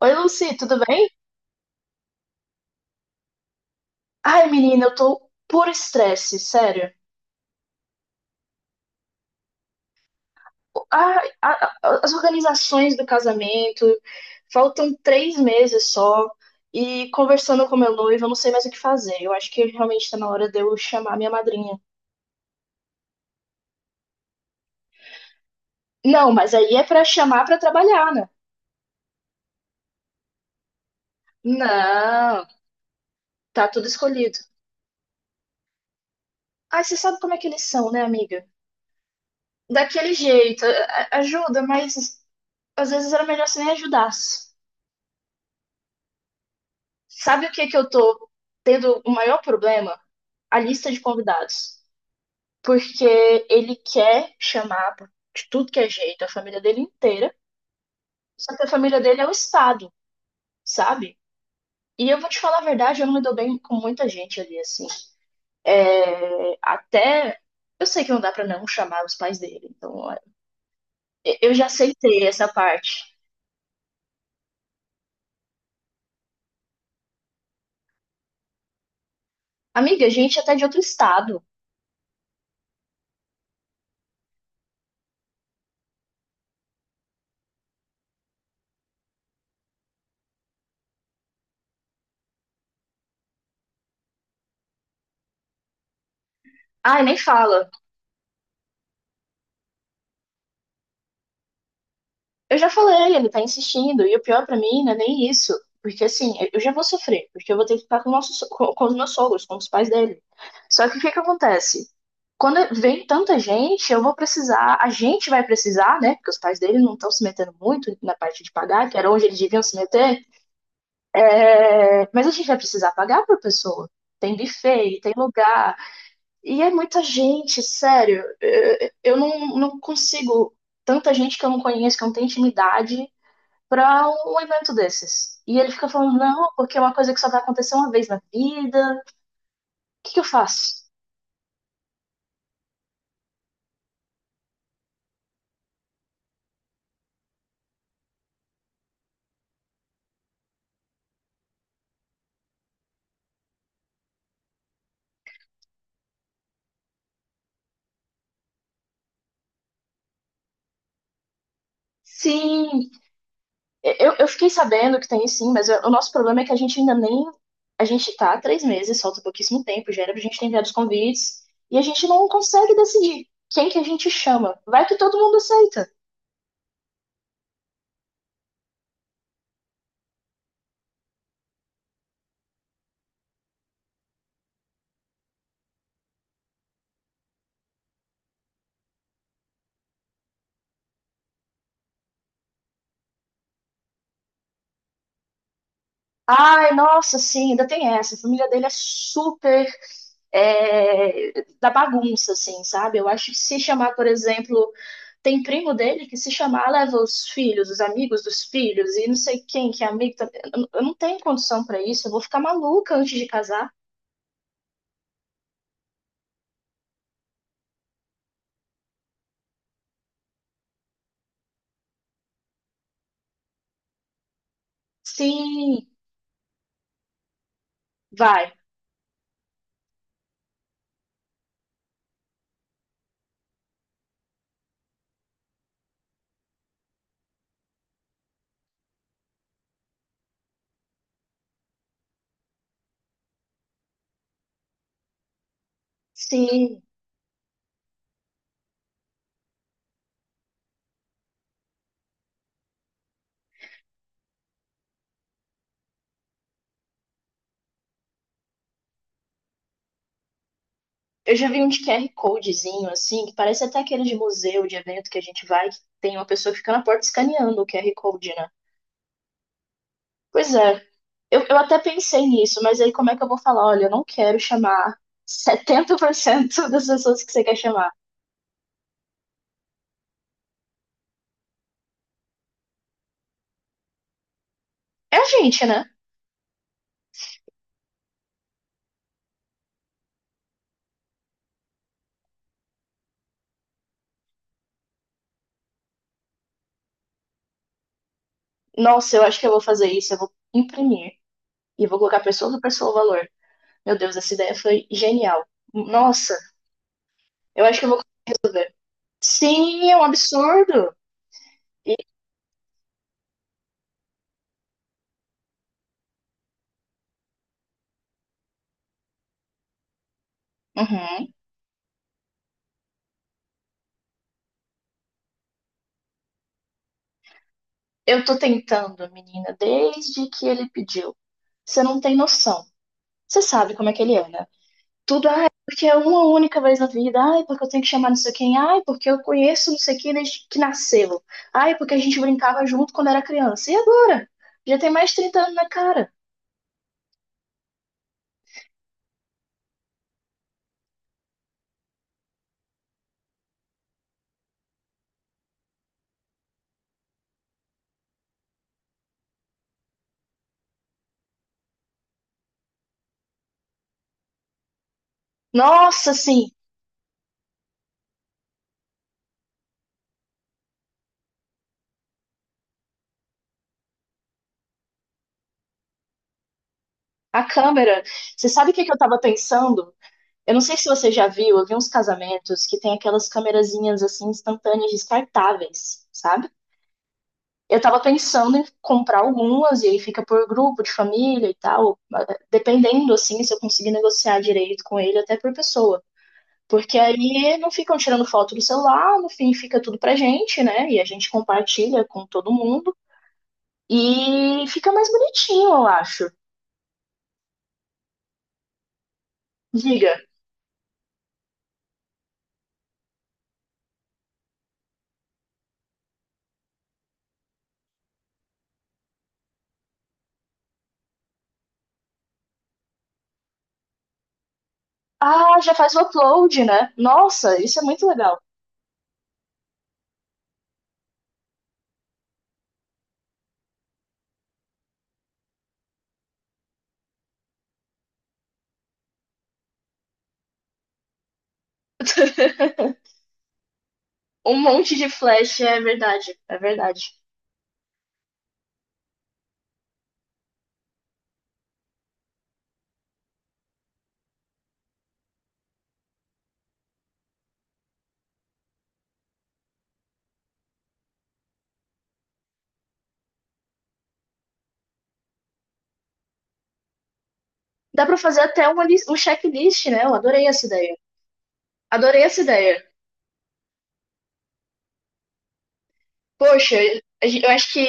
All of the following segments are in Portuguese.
Oi, Lucy, tudo bem? Ai, menina, eu tô por estresse, sério. As organizações do casamento, faltam 3 meses só, e conversando com meu noivo, eu não sei mais o que fazer. Eu acho que realmente tá na hora de eu chamar minha madrinha. Não, mas aí é pra chamar pra trabalhar, né? Não, tá tudo escolhido. Ai, você sabe como é que eles são, né, amiga? Daquele jeito, ajuda, mas às vezes era melhor você nem ajudasse. Sabe o que que eu tô tendo o maior problema? A lista de convidados. Porque ele quer chamar de tudo que é jeito a família dele inteira, só que a família dele é o Estado, sabe? E eu vou te falar a verdade, eu não me dou bem com muita gente ali, assim. É, até. Eu sei que não dá pra não chamar os pais dele, então é, eu já aceitei essa parte. Amiga, gente até de outro estado. Ai, nem fala. Eu já falei, ele tá insistindo. E o pior pra mim não é nem isso. Porque assim, eu já vou sofrer. Porque eu vou ter que ficar com, o nosso com os meus sogros, com os pais dele. Só que o que que acontece? Quando vem tanta gente, eu vou precisar, a gente vai precisar, né? Porque os pais dele não estão se metendo muito na parte de pagar, que era onde eles deviam se meter. É, mas a gente vai precisar pagar por pessoa. Tem buffet, tem lugar. E é muita gente, sério. Eu não consigo. Tanta gente que eu não conheço, que eu não tenho intimidade, pra um evento desses. E ele fica falando, não, porque é uma coisa que só vai acontecer uma vez na vida. O que que eu faço? Sim, eu fiquei sabendo que tem sim, mas o nosso problema é que a gente ainda nem. A gente tá há 3 meses, falta pouquíssimo tempo, já era pra gente ter enviado os convites, e a gente não consegue decidir quem que a gente chama. Vai que todo mundo aceita. Ai, nossa, sim, ainda tem essa. A família dele é super é, da bagunça, assim, sabe? Eu acho que se chamar, por exemplo, tem primo dele que se chamar leva os filhos, os amigos dos filhos e não sei quem que é amigo. Eu não tenho condição pra isso, eu vou ficar maluca antes de casar. Sim, vai. Sim. Eu já vi um de QR Codezinho, assim, que parece até aquele de museu, de evento que a gente vai, que tem uma pessoa que fica na porta escaneando o QR Code, né? Pois é. Eu até pensei nisso, mas aí como é que eu vou falar? Olha, eu não quero chamar 70% das pessoas que você quer chamar. É a gente, né? Nossa, eu acho que eu vou fazer isso, eu vou imprimir e vou colocar pessoa por pessoa o valor. Meu Deus, essa ideia foi genial. Nossa, eu acho que eu vou fazer. Sim, é um absurdo. E- Uhum. Eu tô tentando, menina, desde que ele pediu. Você não tem noção. Você sabe como é que ele é, né? Tudo, ai, porque é uma única vez na vida. Ai, porque eu tenho que chamar não sei quem. Ai, porque eu conheço não sei quem desde que nasceu. Ai, porque a gente brincava junto quando era criança. E agora? Já tem mais de 30 anos na cara. Nossa, assim, a câmera. Você sabe o que que eu tava pensando? Eu não sei se você já viu, eu vi uns casamentos que tem aquelas câmerazinhas assim instantâneas descartáveis, sabe? Eu tava pensando em comprar algumas e aí fica por grupo de família e tal, dependendo assim se eu conseguir negociar direito com ele até por pessoa. Porque aí não ficam tirando foto do celular, no fim fica tudo pra gente, né? E a gente compartilha com todo mundo e fica mais bonitinho, eu acho. Diga. Ah, já faz o upload, né? Nossa, isso é muito legal. Um monte de flash, é verdade, é verdade. Dá pra fazer até um checklist, né? Eu adorei essa ideia. Adorei essa ideia. Poxa, eu acho que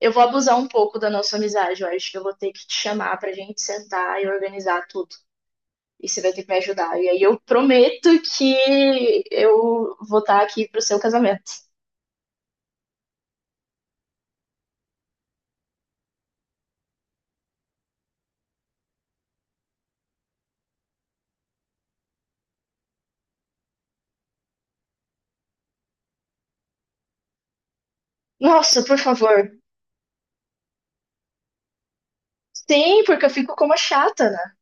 eu vou abusar um pouco da nossa amizade. Eu acho que eu vou ter que te chamar pra gente sentar e organizar tudo. E você vai ter que me ajudar. E aí eu prometo que eu vou estar aqui pro seu casamento. Nossa, por favor. Sim, porque eu fico como a chata, né?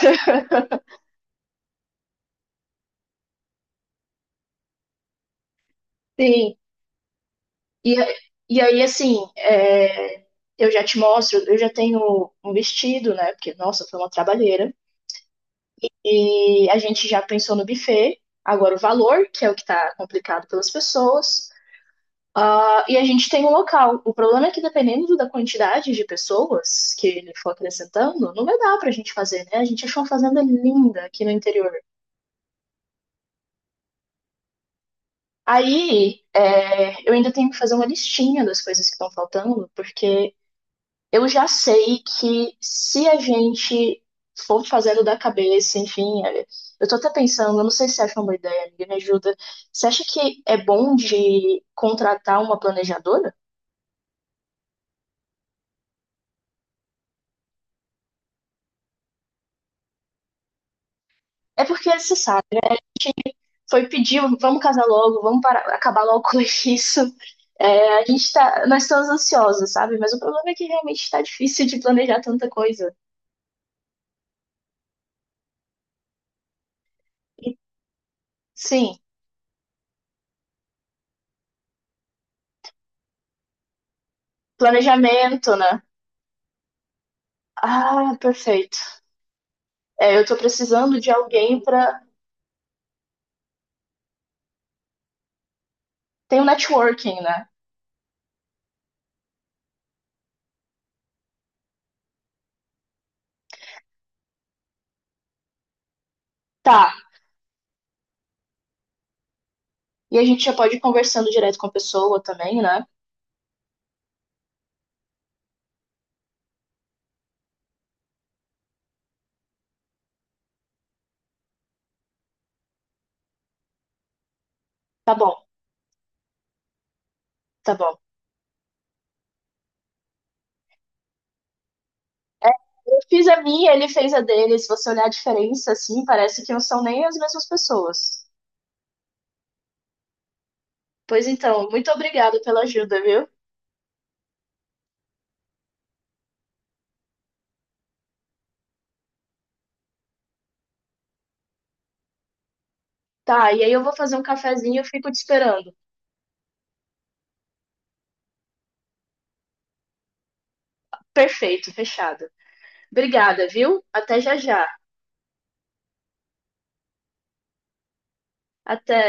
Sim. E, a- e aí, assim, eu já te mostro, eu já tenho um vestido, né? Porque, nossa, foi uma trabalheira. E a gente já pensou no buffet, agora o valor, que é o que tá complicado pelas pessoas. Ah, e a gente tem um local. O problema é que, dependendo da quantidade de pessoas que ele for acrescentando, não vai dar pra gente fazer, né? A gente achou uma fazenda linda aqui no interior. Aí, eu ainda tenho que fazer uma listinha das coisas que estão faltando, porque eu já sei que se a gente for fazendo da cabeça, enfim, eu tô até pensando, eu não sei se você acha uma boa ideia, amiga, me ajuda. Você acha que é bom de contratar uma planejadora? É porque você sabe, foi pedir, vamos casar logo, vamos parar, acabar logo com isso. É, a gente tá, nós estamos ansiosos, sabe? Mas o problema é que realmente tá difícil de planejar tanta coisa. E, sim, planejamento, né? Ah, perfeito. É, eu tô precisando de alguém pra. Tem o networking, né? Tá. E a gente já pode ir conversando direto com a pessoa também, né? Tá bom, tá bom. Eu fiz a minha, ele fez a dele. Se você olhar a diferença, assim, parece que não são nem as mesmas pessoas. Pois então, muito obrigada pela ajuda, viu? Tá, e aí eu vou fazer um cafezinho e eu fico te esperando. Perfeito, fechado. Obrigada, viu? Até já já. Até.